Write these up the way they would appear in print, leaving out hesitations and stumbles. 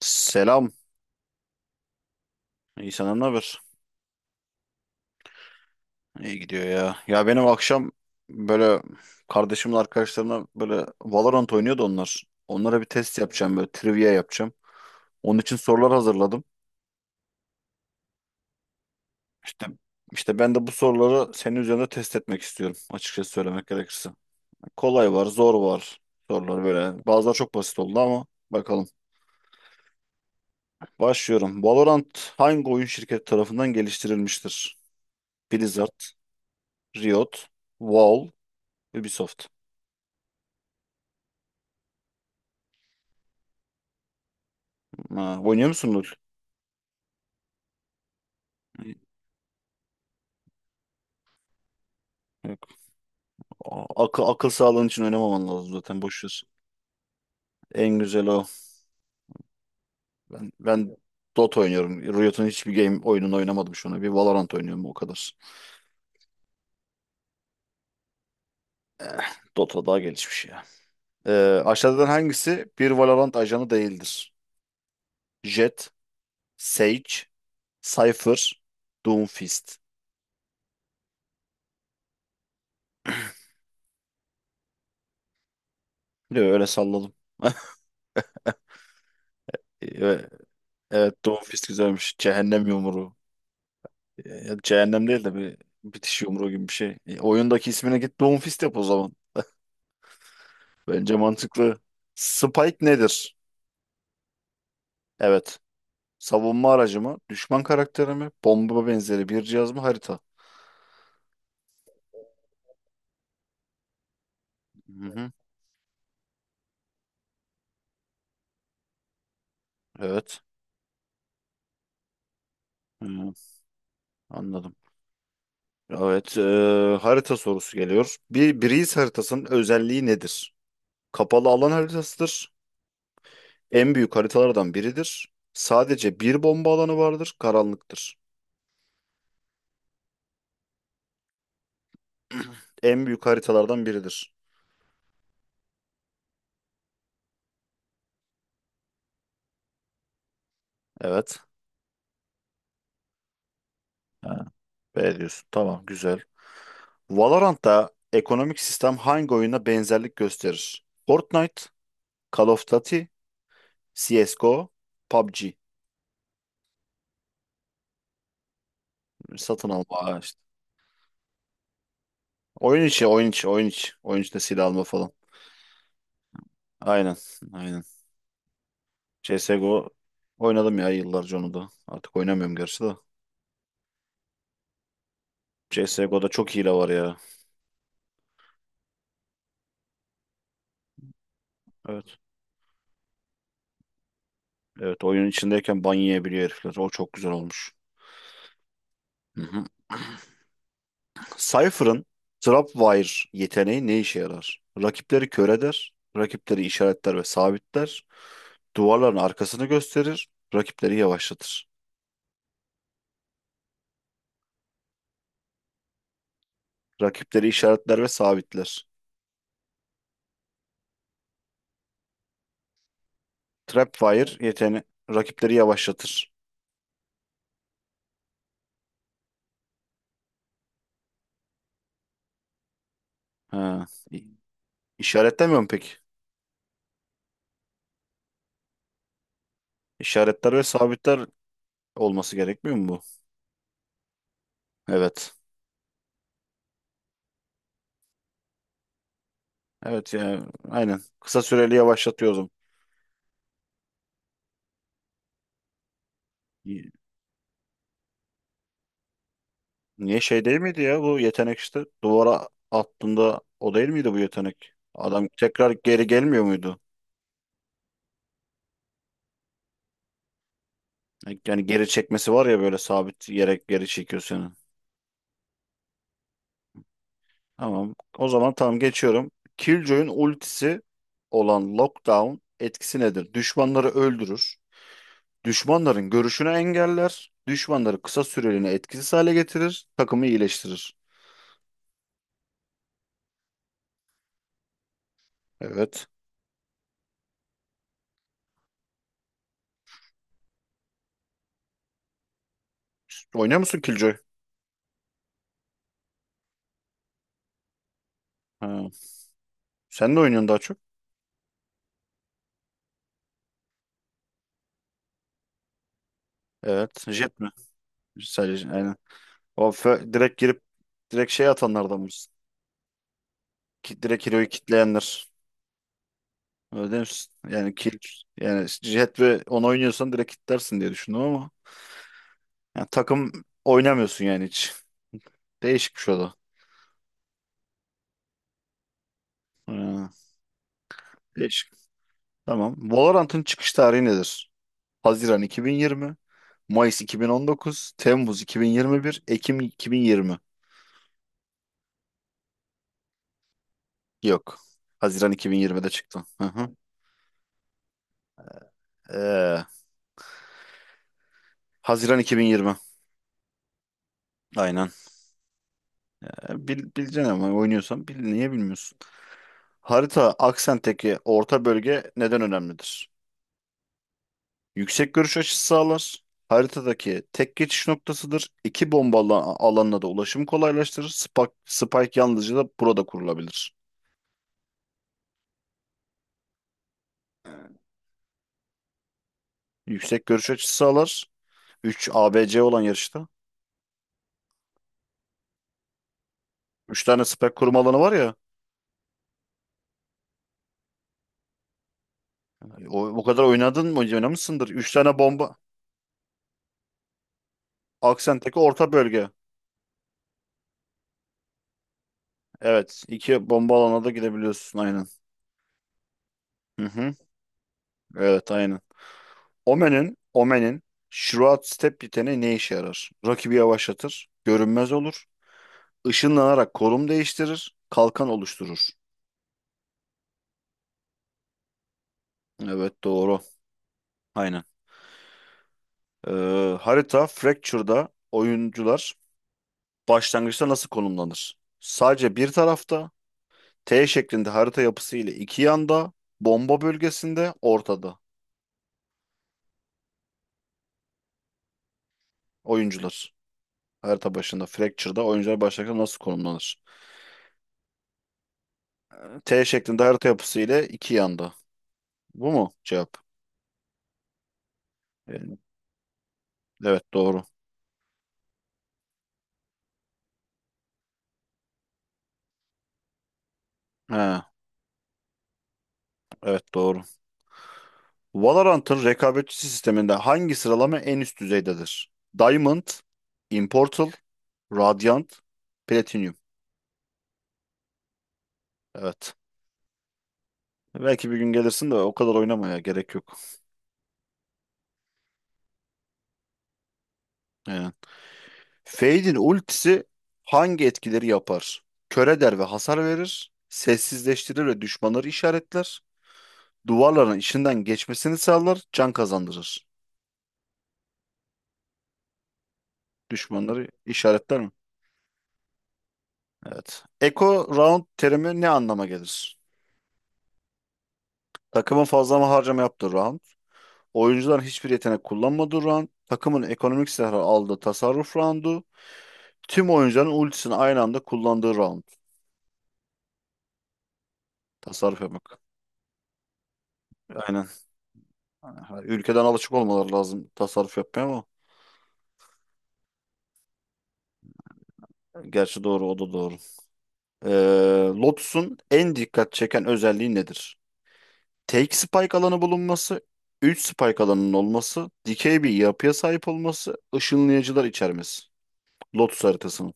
Selam. İyi, senden ne haber? İyi gidiyor ya. Ya benim akşam böyle kardeşimin arkadaşlarına böyle Valorant oynuyordu onlar. Onlara bir test yapacağım böyle trivia yapacağım. Onun için sorular hazırladım. İşte işte ben de bu soruları senin üzerinde test etmek istiyorum, açıkçası söylemek gerekirse. Kolay var, zor var, sorular böyle. Bazıları çok basit oldu ama bakalım. Başlıyorum. Valorant hangi oyun şirketi tarafından geliştirilmiştir? Blizzard, Riot, Valve, Ubisoft. Ha, oynuyor musun LoL? Yok. Akıl sağlığın için oynamaman lazım zaten, boş ver. En güzel o. Ben Dota oynuyorum. Riot'un hiçbir game oyununu oynamadım şu ana. Bir Valorant oynuyorum, o kadar. Eh, Dota daha gelişmiş ya. Ee, aşağıdan hangisi bir Valorant ajanı değildir? Jett, Sage, Cypher, Doomfist. Diyor, öyle salladım. Evet, evet Doomfist güzelmiş. Cehennem yumruğu. Ya cehennem değil de bir bitiş yumruğu gibi bir şey. E, oyundaki ismine git Doomfist yap o zaman. Bence mantıklı. Spike nedir? Evet. Savunma aracı mı? Düşman karakteri mi? Bomba benzeri bir cihaz mı? Harita. Hı hı. Evet. Hı, anladım. Evet. Harita sorusu geliyor. Bir Breeze haritasının özelliği nedir? Kapalı alan haritasıdır. En büyük haritalardan biridir. Sadece bir bomba alanı vardır. Karanlıktır. En büyük haritalardan biridir. Evet. B diyorsun. Tamam, güzel. Valorant'ta ekonomik sistem hangi oyuna benzerlik gösterir? Fortnite, Call of Duty, CSGO, PUBG. Satın alma ha işte. Oyun içi, oyun içi, oyun içi. Oyun içinde silah alma falan. Aynen, aynen. CSGO oynadım ya yıllarca onu da. Artık oynamıyorum gerçi de. CSGO'da çok hile var ya. Evet. Evet, oyun içindeyken ban yiyebiliyor herifler. O çok güzel olmuş. Hı hı. Cypher'ın Trapwire yeteneği ne işe yarar? Rakipleri kör eder, rakipleri işaretler ve sabitler, duvarların arkasını gösterir, rakipleri yavaşlatır. Rakipleri işaretler ve sabitler. Trapwire yeteneği rakipleri yavaşlatır. Ha. i- İşaretlemiyor mu peki? İşaretler ve sabitler olması gerekmiyor mu bu? Evet. Evet, yani aynen. Kısa süreli yavaşlatıyordum. Niye şey değil miydi ya bu yetenek işte? Duvara attığında o değil miydi bu yetenek? Adam tekrar geri gelmiyor muydu? Yani geri çekmesi var ya, böyle sabit yere geri çekiyor seni. Tamam. O zaman tamam, geçiyorum. Killjoy'un ultisi olan Lockdown etkisi nedir? Düşmanları öldürür. Düşmanların görüşünü engeller. Düşmanları kısa süreliğine etkisiz hale getirir. Takımı iyileştirir. Evet. Oynuyor musun Killjoy? Ha. Sen de oynuyorsun daha çok. Evet. Jet mi? Sadece. O direkt girip direkt şey atanlardan mısın? Ki, direkt hero'yu kitleyenler. Öyle değil misin? Yani kill, yani Jet ve onu oynuyorsan direkt kitlersin diye düşündüm ama yani takım oynamıyorsun yani hiç. Değişikmiş o da. Ha, değişik. Tamam. Valorant'ın çıkış tarihi nedir? Haziran 2020, Mayıs 2019, Temmuz 2021, Ekim 2020. Yok. Haziran 2020'de çıktı. Hı hı. Ee, Haziran 2020. Aynen. Bileceksin ama oynuyorsan bil, niye bilmiyorsun? Harita aksentteki orta bölge neden önemlidir? Yüksek görüş açısı sağlar. Haritadaki tek geçiş noktasıdır. İki bomba alanına da ulaşım kolaylaştırır. Spike, Spike yalnızca da burada kurulabilir. Yüksek görüş açısı sağlar. 3 ABC olan yarışta. Üç tane spike kurma alanı var ya. O, o kadar oynadın mı? Oynamışsındır. 3 tane bomba. Aksentteki orta bölge. Evet. 2 bomba alanına da gidebiliyorsun. Aynen. Hı hı. Evet, aynen. Omen'in Shroud Step yeteneği ne işe yarar? Rakibi yavaşlatır, görünmez olur, ışınlanarak konum değiştirir, kalkan oluşturur. Evet, doğru. Aynen. Ee, Harita Fracture'da oyuncular başlangıçta nasıl konumlanır? Sadece bir tarafta, T şeklinde harita yapısı ile iki yanda, bomba bölgesinde, ortada. Oyuncular. Harita başında Fracture'da oyuncular başlangıçta nasıl konumlanır? T şeklinde harita yapısı ile iki yanda. Bu mu cevap? Ee, Evet, doğru. Ha, evet, doğru. Valorant'ın rekabetçi sisteminde hangi sıralama en üst düzeydedir? Diamond, Immortal, Radiant, Platinum. Evet. Belki bir gün gelirsin de o kadar oynamaya gerek yok. Aynen. Fade'in ultisi hangi etkileri yapar? Kör eder ve hasar verir. Sessizleştirir ve düşmanları işaretler. Duvarların içinden geçmesini sağlar, can kazandırır. Düşmanları işaretler mi? Evet. Echo round terimi ne anlama gelir? Takımın fazla mı harcama yaptığı round. Oyuncuların hiçbir yetenek kullanmadığı round. Takımın ekonomik silahı aldığı tasarruf roundu. Tüm oyuncuların ultisini aynı anda kullandığı round. Tasarruf yapmak. Aynen. Ha, ülkeden alışık olmaları lazım tasarruf yapmaya ama. Gerçi doğru, o da doğru. Lotus'un en dikkat çeken özelliği nedir? Tek spike alanı bulunması, 3 spike alanının olması, dikey bir yapıya sahip olması, ışınlayıcılar içermesi. Lotus haritasının.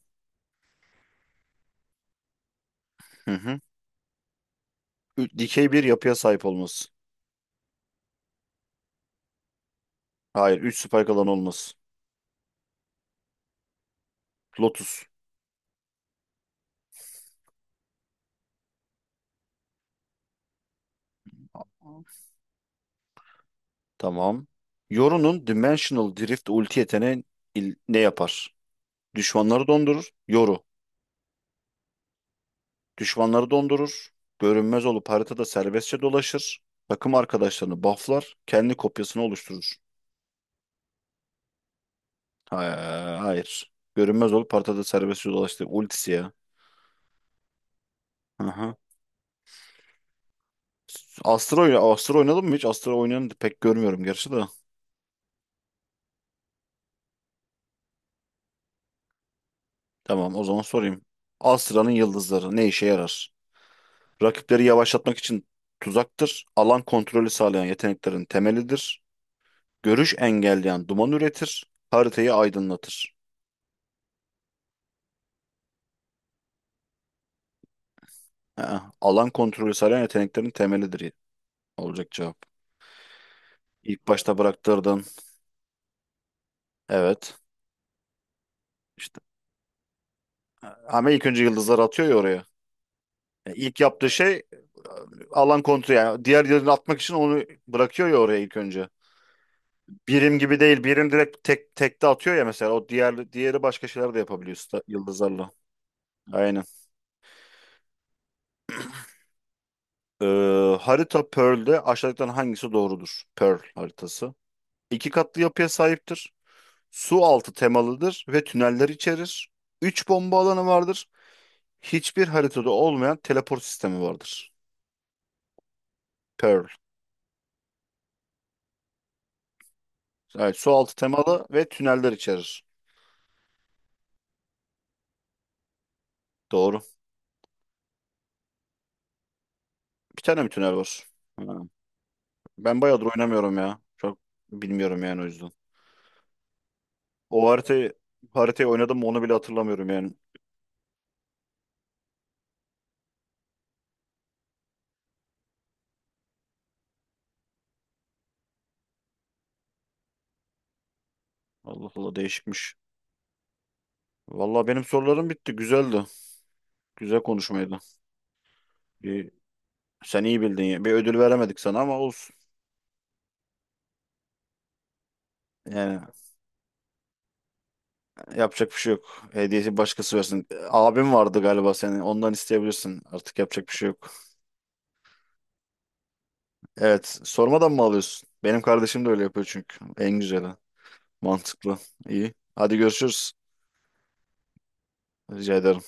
Hı hı. Dikey bir yapıya sahip olması. Hayır, 3 spike alan olmaz. Lotus. Of. Tamam. Yoru'nun Dimensional Drift ulti yeteneği ne yapar? Düşmanları dondurur. Yoru. Düşmanları dondurur. Görünmez olup haritada serbestçe dolaşır. Takım arkadaşlarını bufflar. Kendi kopyasını oluşturur. Ha, hayır. Görünmez olup haritada serbestçe dolaştı. Ultisi ya. Hı hı. Astro, Astro oynadın mı hiç? Astro oynayanı pek görmüyorum gerçi de. Tamam, o zaman sorayım. Astra'nın yıldızları ne işe yarar? Rakipleri yavaşlatmak için tuzaktır. Alan kontrolü sağlayan yeteneklerin temelidir. Görüş engelleyen duman üretir. Haritayı aydınlatır. Ha, alan kontrolü sağlayan yeteneklerin temelidir olacak cevap. İlk başta bıraktırdın. Evet. İşte ama ilk önce yıldızlar atıyor ya oraya. İlk yaptığı şey, alan kontrolü, yani diğer yıldızı atmak için onu bırakıyor ya oraya ilk önce. Birim gibi değil. Birim direkt tek tekte atıyor ya mesela. O diğer diğeri başka şeyler de yapabiliyor yıldızlarla. Aynen. Harita Pearl'de aşağıdakilerin hangisi doğrudur? Pearl haritası. İki katlı yapıya sahiptir. Su altı temalıdır ve tüneller içerir. Üç bomba alanı vardır. Hiçbir haritada olmayan teleport sistemi vardır. Pearl. Evet, su altı temalı ve tüneller içerir. Doğru. Bir tane mi tünel var? Ha. Ben bayağıdır oynamıyorum ya. Çok bilmiyorum yani, o yüzden. O haritayı oynadım mı onu bile hatırlamıyorum yani. Allah Allah, değişikmiş. Vallahi benim sorularım bitti. Güzeldi. Güzel konuşmaydı. Bir, Sen iyi bildin ya. Bir ödül veremedik sana ama olsun. Yani yapacak bir şey yok. Hediyesi başkası versin. Abim vardı galiba senin. Ondan isteyebilirsin. Artık yapacak bir şey yok. Evet. Sormadan mı alıyorsun? Benim kardeşim de öyle yapıyor çünkü. En güzeli. Mantıklı. İyi. Hadi görüşürüz. Rica ederim.